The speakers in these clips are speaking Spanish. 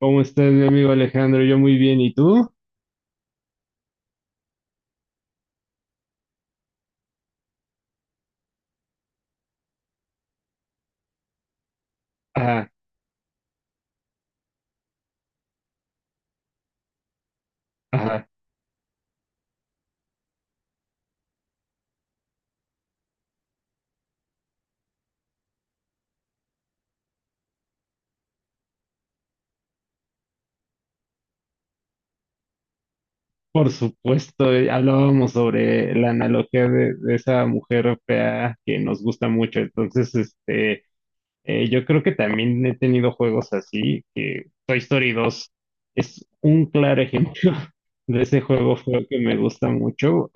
¿Cómo estás, mi amigo Alejandro? Yo muy bien, ¿y tú? Ajá, ajá, por supuesto, hablábamos sobre la analogía de esa mujer fea que nos gusta mucho, entonces, yo creo que también he tenido juegos así, que Toy Story 2 es un claro ejemplo de ese juego feo que me gusta mucho.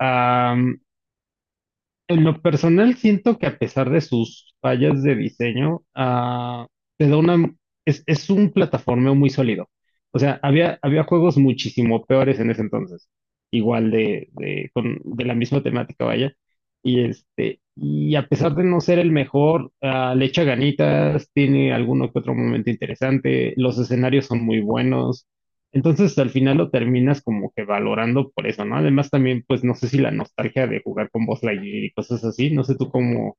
En lo personal, siento que a pesar de sus fallas de diseño, te da una, es un plataformeo muy sólido. O sea, había juegos muchísimo peores en ese entonces, igual de, con, de la misma temática, vaya. Y y a pesar de no ser el mejor, le echa ganitas, tiene alguno que otro momento interesante, los escenarios son muy buenos, entonces al final lo terminas como que valorando por eso, ¿no? Además también, pues no sé si la nostalgia de jugar con Buzz Lightyear y cosas así, no sé tú cómo.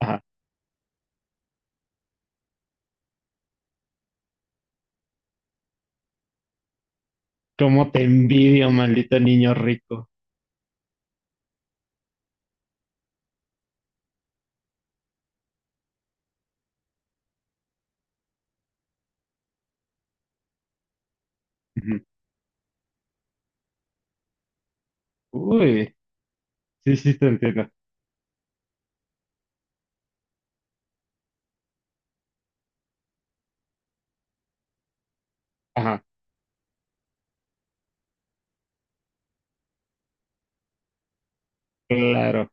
Ajá, cómo te envidio, maldito niño rico. Ujú. Uy, sí, sí te entiendo. Ajá, claro.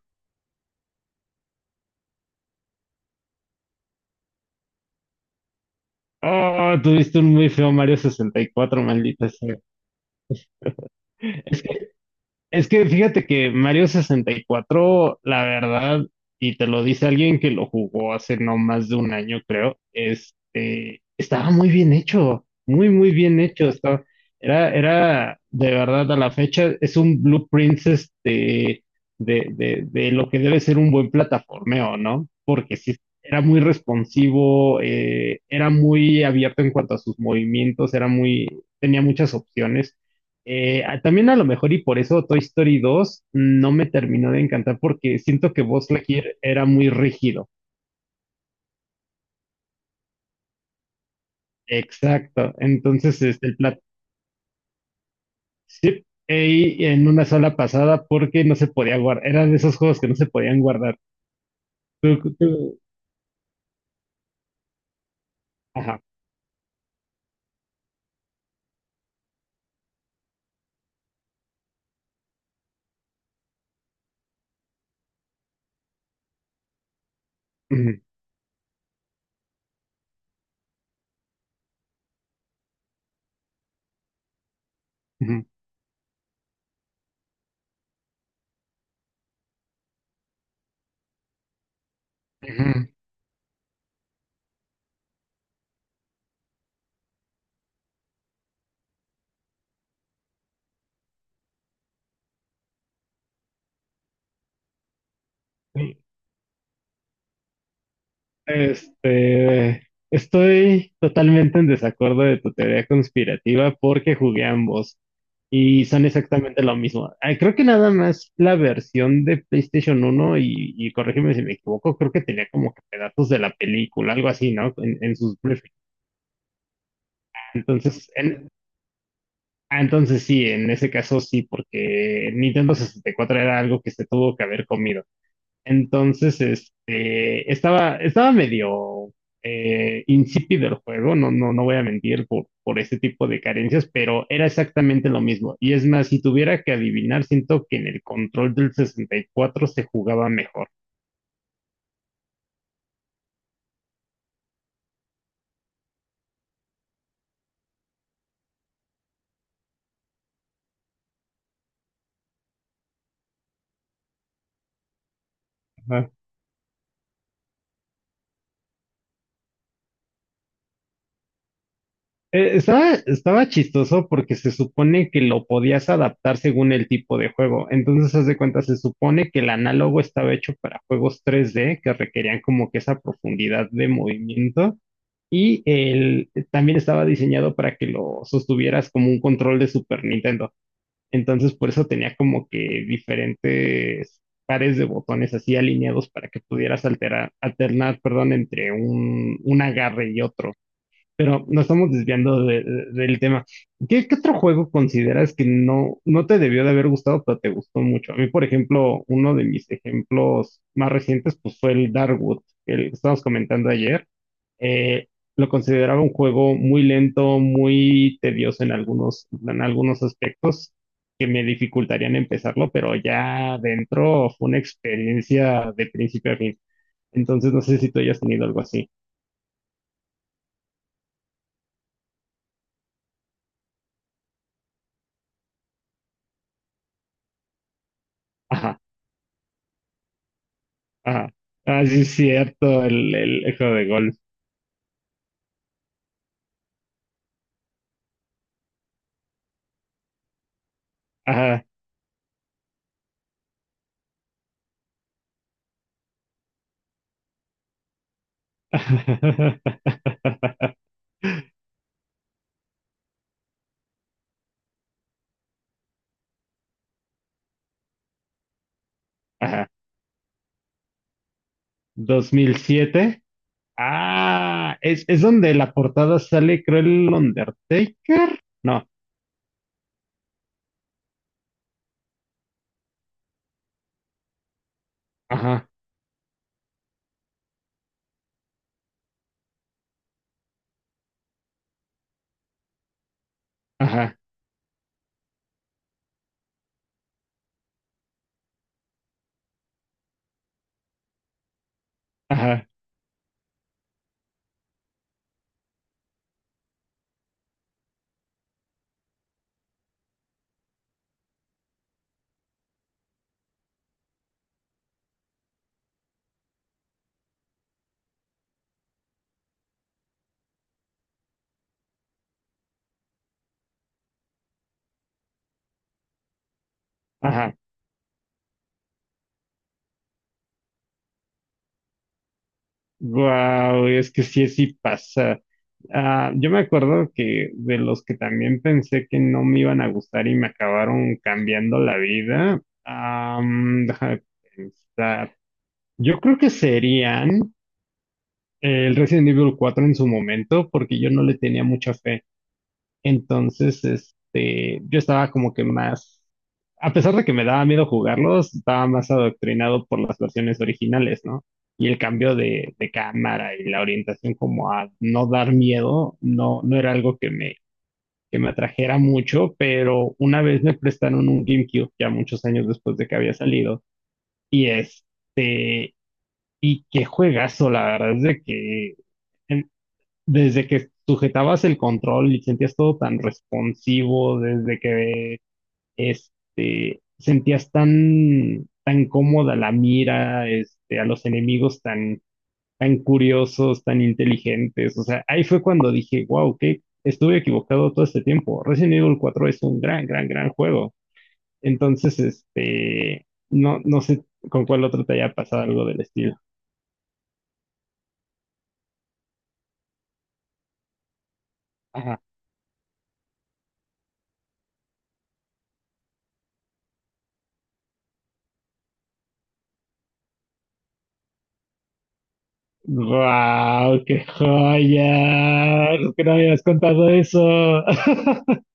Oh, tuviste un muy feo Mario 64, maldita sea. Es que fíjate que Mario sesenta y cuatro, la verdad, y te lo dice alguien que lo jugó hace no más de un año, creo, estaba muy bien hecho, muy bien hecho. Estaba, era, de verdad, a la fecha, es un blueprint este, de, de lo que debe ser un buen plataformeo, ¿no? Porque sí, era muy responsivo, era muy abierto en cuanto a sus movimientos, era muy, tenía muchas opciones. También a lo mejor y por eso Toy Story dos no me terminó de encantar porque siento que Buzz Lightyear era muy rígido. Exacto. Entonces, el plato, sí, y en una sola pasada porque no se podía guardar. Era de esos juegos que no se podían guardar. Tú- tú- ajá. Ujú, ujú, ujú. Sí. Estoy totalmente en desacuerdo de tu teoría conspirativa porque jugué ambos. Y son exactamente lo mismo. Ah, creo que nada más la versión de PlayStation uno y corrígeme si me equivoco, creo que tenía como que pedazos de la película, algo así, ¿no? En sus briefings. Entonces, en, ah, entonces sí, en ese caso sí, porque Nintendo 64 era algo que se tuvo que haber comido. Entonces, estaba medio insípido el juego, no, no voy a mentir por ese tipo de carencias, pero era exactamente lo mismo. Y es más, si tuviera que adivinar, siento que en el control del 64 se jugaba mejor. Ajá. Estaba chistoso porque se supone que lo podías adaptar según el tipo de juego. Entonces, haz de cuenta, se supone que el análogo estaba hecho para juegos 3D que requerían como que esa profundidad de movimiento. También estaba diseñado para que lo sostuvieras como un control de Super Nintendo. Entonces, por eso tenía como que diferentes pares de botones así alineados para que pudieras alternar, perdón, entre un agarre y otro. Pero nos estamos desviando del tema. ¿Qué, qué otro juego consideras que no, no te debió de haber gustado, pero te gustó mucho? A mí, por ejemplo, uno de mis ejemplos más recientes pues, fue el Darkwood, el que estábamos comentando ayer. Eh, lo consideraba un juego muy lento, muy tedioso en algunos aspectos que me dificultarían empezarlo, pero ya dentro fue una experiencia de principio a fin. Entonces, no sé si tú hayas tenido algo así. Ajá. Ajá. Ah, sí, es cierto, el juego de golf. Ajá. Ajá. ¿Dos mil siete? Ah, es donde la portada sale, creo, el Undertaker. No. Ajá, ajá, ajá, ajá. Wow, es que sí, sí pasa. Ah, yo me acuerdo que de los que también pensé que no me iban a gustar y me acabaron cambiando la vida. Ah, déjame pensar. Yo creo que serían el Resident Evil 4 en su momento, porque yo no le tenía mucha fe. Entonces, yo estaba como que más, a pesar de que me daba miedo jugarlos, estaba más adoctrinado por las versiones originales, ¿no? Y el cambio de cámara y la orientación como a no dar miedo, no, no era algo que me atrajera mucho, pero una vez me prestaron un GameCube, ya muchos años después de que había salido, y es y qué juegazo, la verdad es de que en- desde que sujetabas el control y sentías todo tan responsivo, desde que sentías tan, tan cómoda la mira, a los enemigos tan, tan curiosos, tan inteligentes, o sea, ahí fue cuando dije, wow, que estuve equivocado todo este tiempo. Resident Evil cuatro es un gran, gran, gran juego. Entonces, no, no sé con cuál otro te haya pasado algo del estilo. ¡Wow! ¡Qué joya! Es que no me habías contado eso.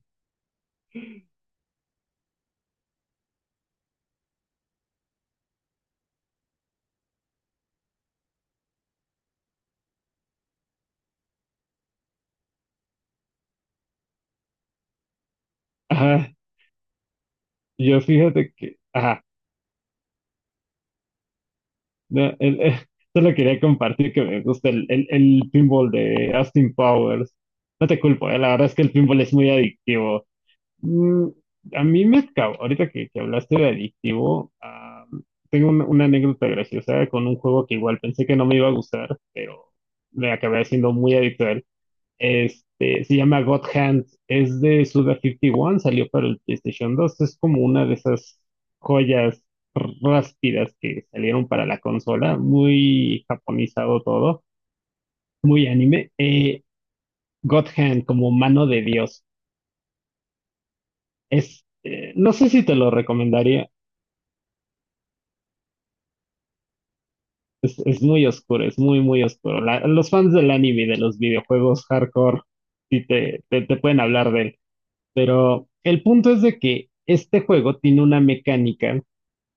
Ajá, yo fíjate que. Ajá, no, solo quería compartir que me gusta el pinball de Austin Powers. No te culpo, la verdad es que el pinball es muy adictivo. Mm, a mí me acabó. Ahorita que hablaste de adictivo, ah, tengo una anécdota graciosa con un juego que igual pensé que no me iba a gustar, pero me acabé haciendo muy adicto a él. Se llama God Hand, es de Suda 51, salió para el PlayStation dos, es como una de esas joyas ráspidas que salieron para la consola, muy japonizado todo, muy anime. God Hand, como mano de Dios, no sé si te lo recomendaría, es muy oscuro, es muy, muy oscuro. Los fans del anime y de los videojuegos hardcore, sí te, te pueden hablar de él, pero el punto es de que este juego tiene una mecánica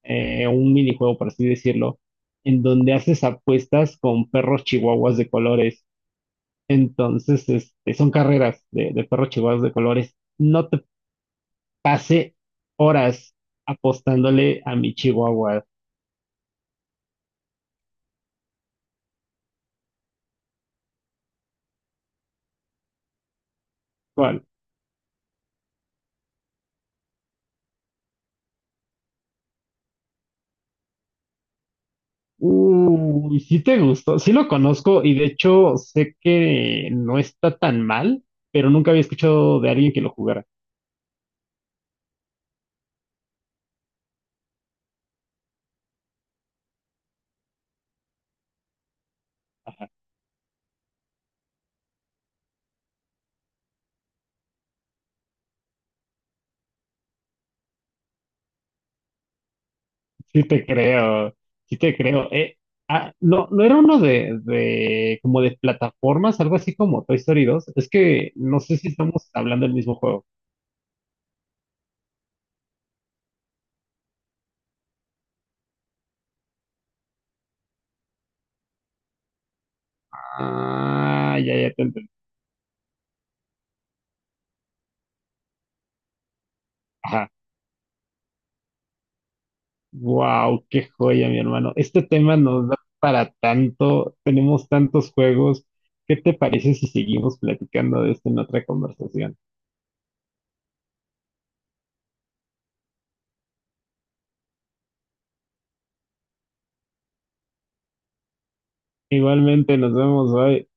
un minijuego, por así decirlo, en donde haces apuestas con perros chihuahuas de colores. Entonces, son carreras de perros chihuahuas de colores. No te pasé horas apostándole a mi chihuahua actual. Uy, sí te gustó, sí lo conozco y de hecho sé que no está tan mal, pero nunca había escuchado de alguien que lo jugara. Sí te creo, sí te creo. Ah, no, no era uno de, como de plataformas, algo así como Toy Story dos. Es que no sé si estamos hablando del mismo juego. Ah, ya, ya te entendí. Ajá. Wow, qué joya, mi hermano. Este tema nos da para tanto, tenemos tantos juegos. ¿Qué te parece si seguimos platicando de esto en otra conversación? Igualmente, nos vemos hoy.